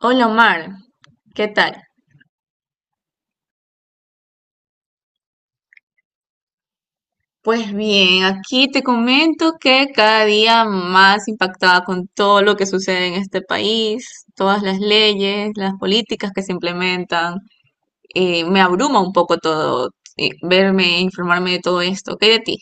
Hola Omar, ¿qué tal? Pues bien, aquí te comento que cada día más impactada con todo lo que sucede en este país, todas las leyes, las políticas que se implementan, me abruma un poco todo, verme, e informarme de todo esto. ¿Qué hay de ti?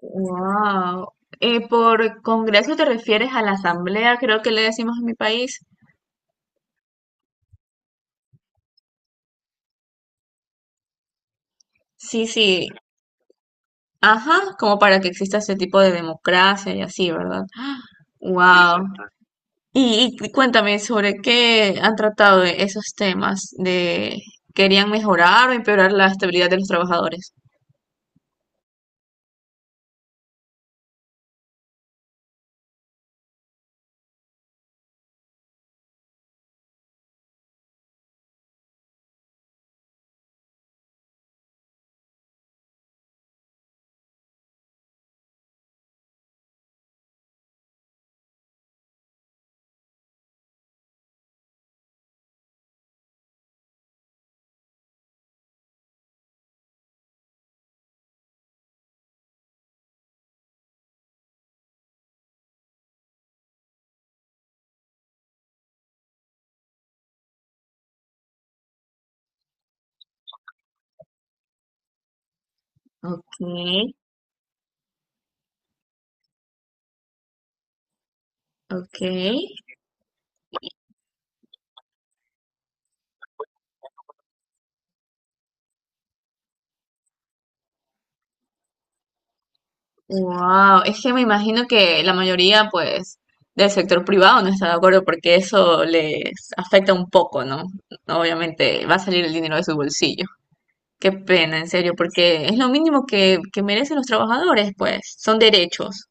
Wow. Por Congreso te refieres a la Asamblea, creo que le decimos en mi país. Sí, sí, ajá, como para que exista ese tipo de democracia y así, ¿verdad? Wow. Y cuéntame sobre qué han tratado de esos temas de querían mejorar o empeorar la estabilidad de los trabajadores. Okay, okay. Wow, es que me imagino que la mayoría, pues, del sector privado no está de acuerdo porque eso les afecta un poco, ¿no? Obviamente va a salir el dinero de su bolsillo. Qué pena, en serio, porque es lo mínimo que merecen los trabajadores, pues, son derechos.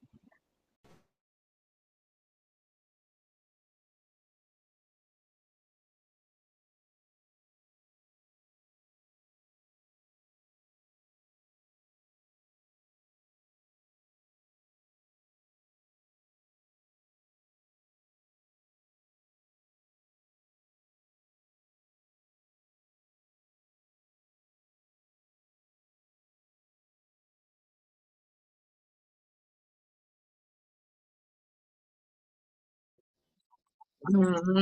Ujú.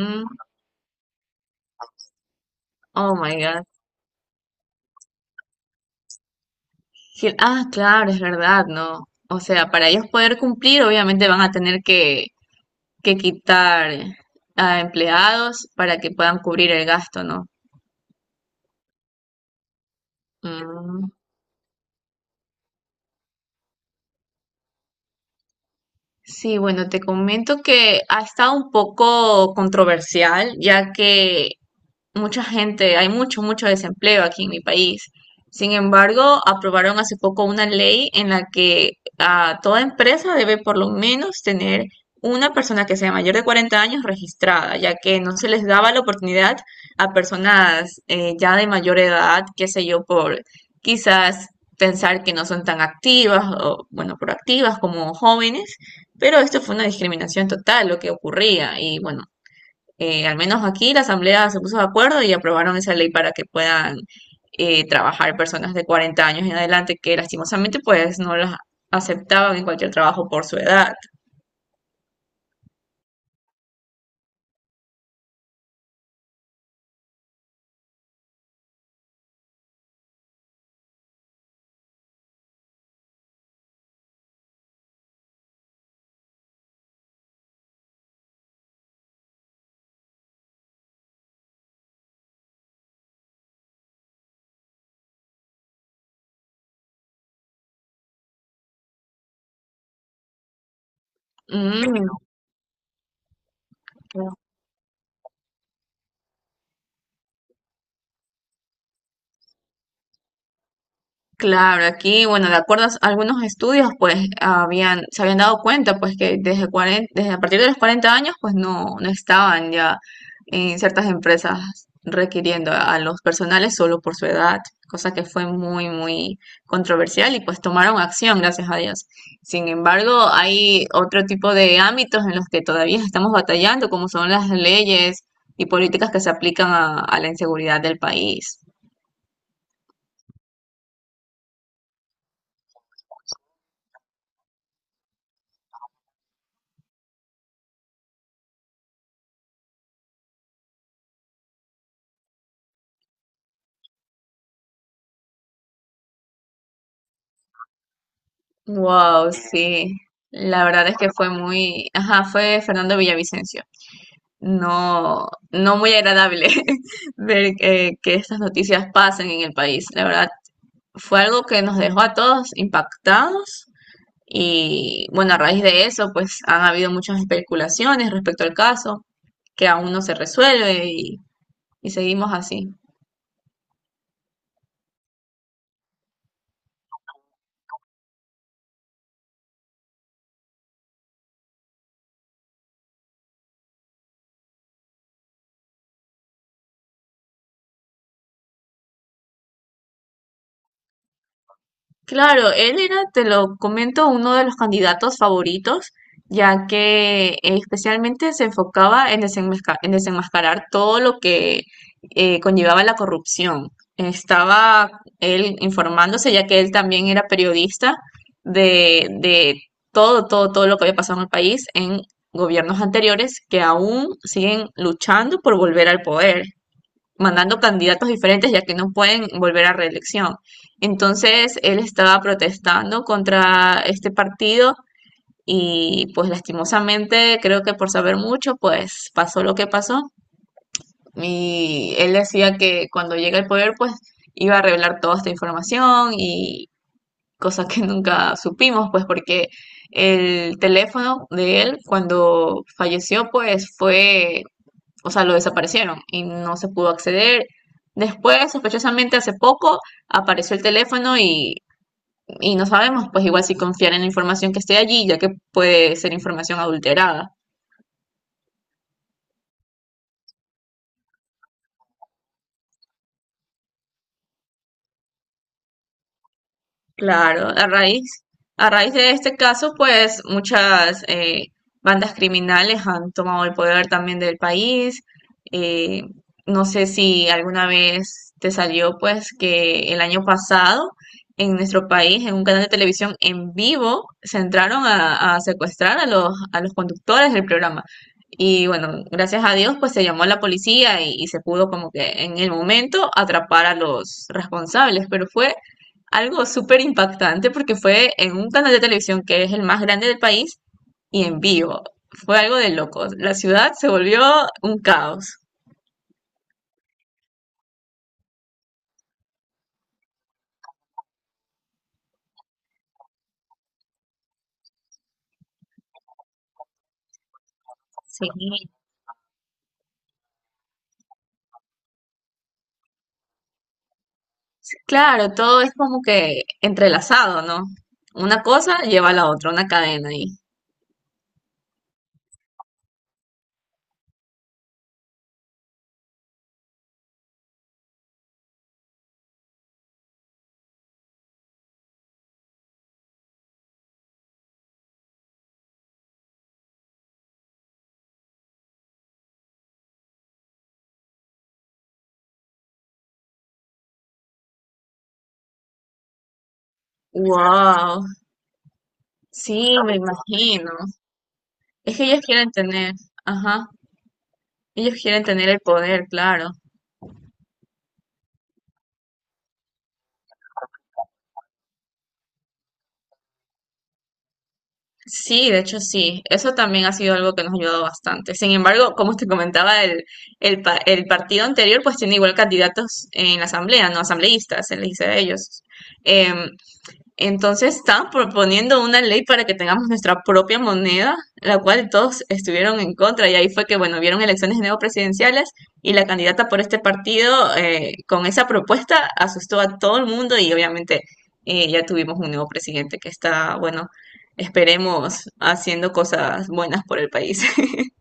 Oh my God. Ah, claro, es verdad, ¿no? O sea, para ellos poder cumplir, obviamente van a tener que quitar a empleados para que puedan cubrir el gasto, ¿no? Mm. Sí, bueno, te comento que ha estado un poco controversial, ya que mucha gente, hay mucho, mucho desempleo aquí en mi país. Sin embargo, aprobaron hace poco una ley en la que toda empresa debe por lo menos tener una persona que sea mayor de 40 años registrada, ya que no se les daba la oportunidad a personas ya de mayor edad, qué sé yo, por quizás pensar que no son tan activas o, bueno, proactivas como jóvenes, pero esto fue una discriminación total lo que ocurría y, bueno, al menos aquí la Asamblea se puso de acuerdo y aprobaron esa ley para que puedan trabajar personas de 40 años en adelante que lastimosamente pues no las aceptaban en cualquier trabajo por su edad. Mm. Claro, aquí, bueno, de acuerdo a algunos estudios, pues habían, se habían dado cuenta, pues que desde 40, desde a partir de los 40 años, pues no, no estaban ya en ciertas empresas requiriendo a los personales solo por su edad, cosa que fue muy, muy controversial y pues tomaron acción, gracias a Dios. Sin embargo, hay otro tipo de ámbitos en los que todavía estamos batallando, como son las leyes y políticas que se aplican a la inseguridad del país. Wow, sí. La verdad es que fue muy, ajá, fue Fernando Villavicencio. No, no muy agradable ver que estas noticias pasen en el país. La verdad, fue algo que nos dejó a todos impactados y bueno, a raíz de eso, pues han habido muchas especulaciones respecto al caso que aún no se resuelve y seguimos así. Claro, él era, te lo comento, uno de los candidatos favoritos, ya que especialmente se enfocaba en en desenmascarar todo lo que conllevaba la corrupción. Estaba él informándose, ya que él también era periodista de todo, todo, todo lo que había pasado en el país en gobiernos anteriores que aún siguen luchando por volver al poder mandando candidatos diferentes, ya que no pueden volver a reelección. Entonces, él estaba protestando contra este partido y pues lastimosamente, creo que por saber mucho, pues pasó lo que pasó. Y él decía que cuando llega al poder, pues iba a revelar toda esta información y cosa que nunca supimos, pues porque el teléfono de él cuando falleció, pues fue o sea, lo desaparecieron y no se pudo acceder. Después, sospechosamente, hace poco apareció el teléfono y no sabemos, pues igual si confiar en la información que esté allí, ya que puede ser información adulterada. Claro, a raíz de este caso, pues muchas bandas criminales han tomado el poder también del país. Eh, no sé si alguna vez te salió, pues, que el año pasado en nuestro país, en un canal de televisión en vivo, se entraron a secuestrar a los conductores del programa. Y bueno, gracias a Dios, pues se llamó a la policía y se pudo como que en el momento atrapar a los responsables, pero fue algo súper impactante porque fue en un canal de televisión que es el más grande del país y en vivo. Fue algo de locos. La ciudad se volvió un caos. Sí. Claro, todo es como que entrelazado, ¿no? Una cosa lleva a la otra, una cadena ahí. Wow, sí, me imagino. Es que ellos quieren tener, ajá, ellos quieren tener el poder, claro. Sí, de hecho sí, eso también ha sido algo que nos ha ayudado bastante. Sin embargo, como te comentaba, el partido anterior pues tiene igual candidatos en la asamblea, no asambleístas, se les dice a ellos. Em, entonces están proponiendo una ley para que tengamos nuestra propia moneda, la cual todos estuvieron en contra. Y ahí fue que, bueno, vieron elecciones de nuevo presidenciales y la candidata por este partido con esa propuesta asustó a todo el mundo y obviamente ya tuvimos un nuevo presidente que está, bueno, esperemos haciendo cosas buenas por el país.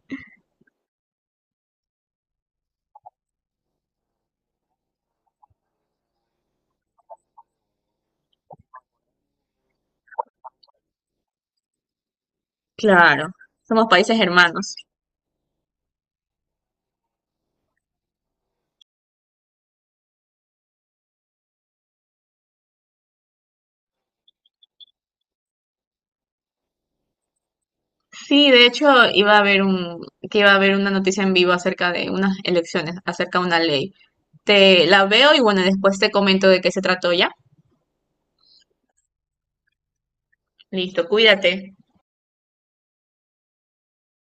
Claro, somos países hermanos. Sí, de hecho iba a haber un, que iba a haber una noticia en vivo acerca de unas elecciones, acerca de una ley. Te la veo y bueno, después te comento de qué se trató ya. Listo, cuídate.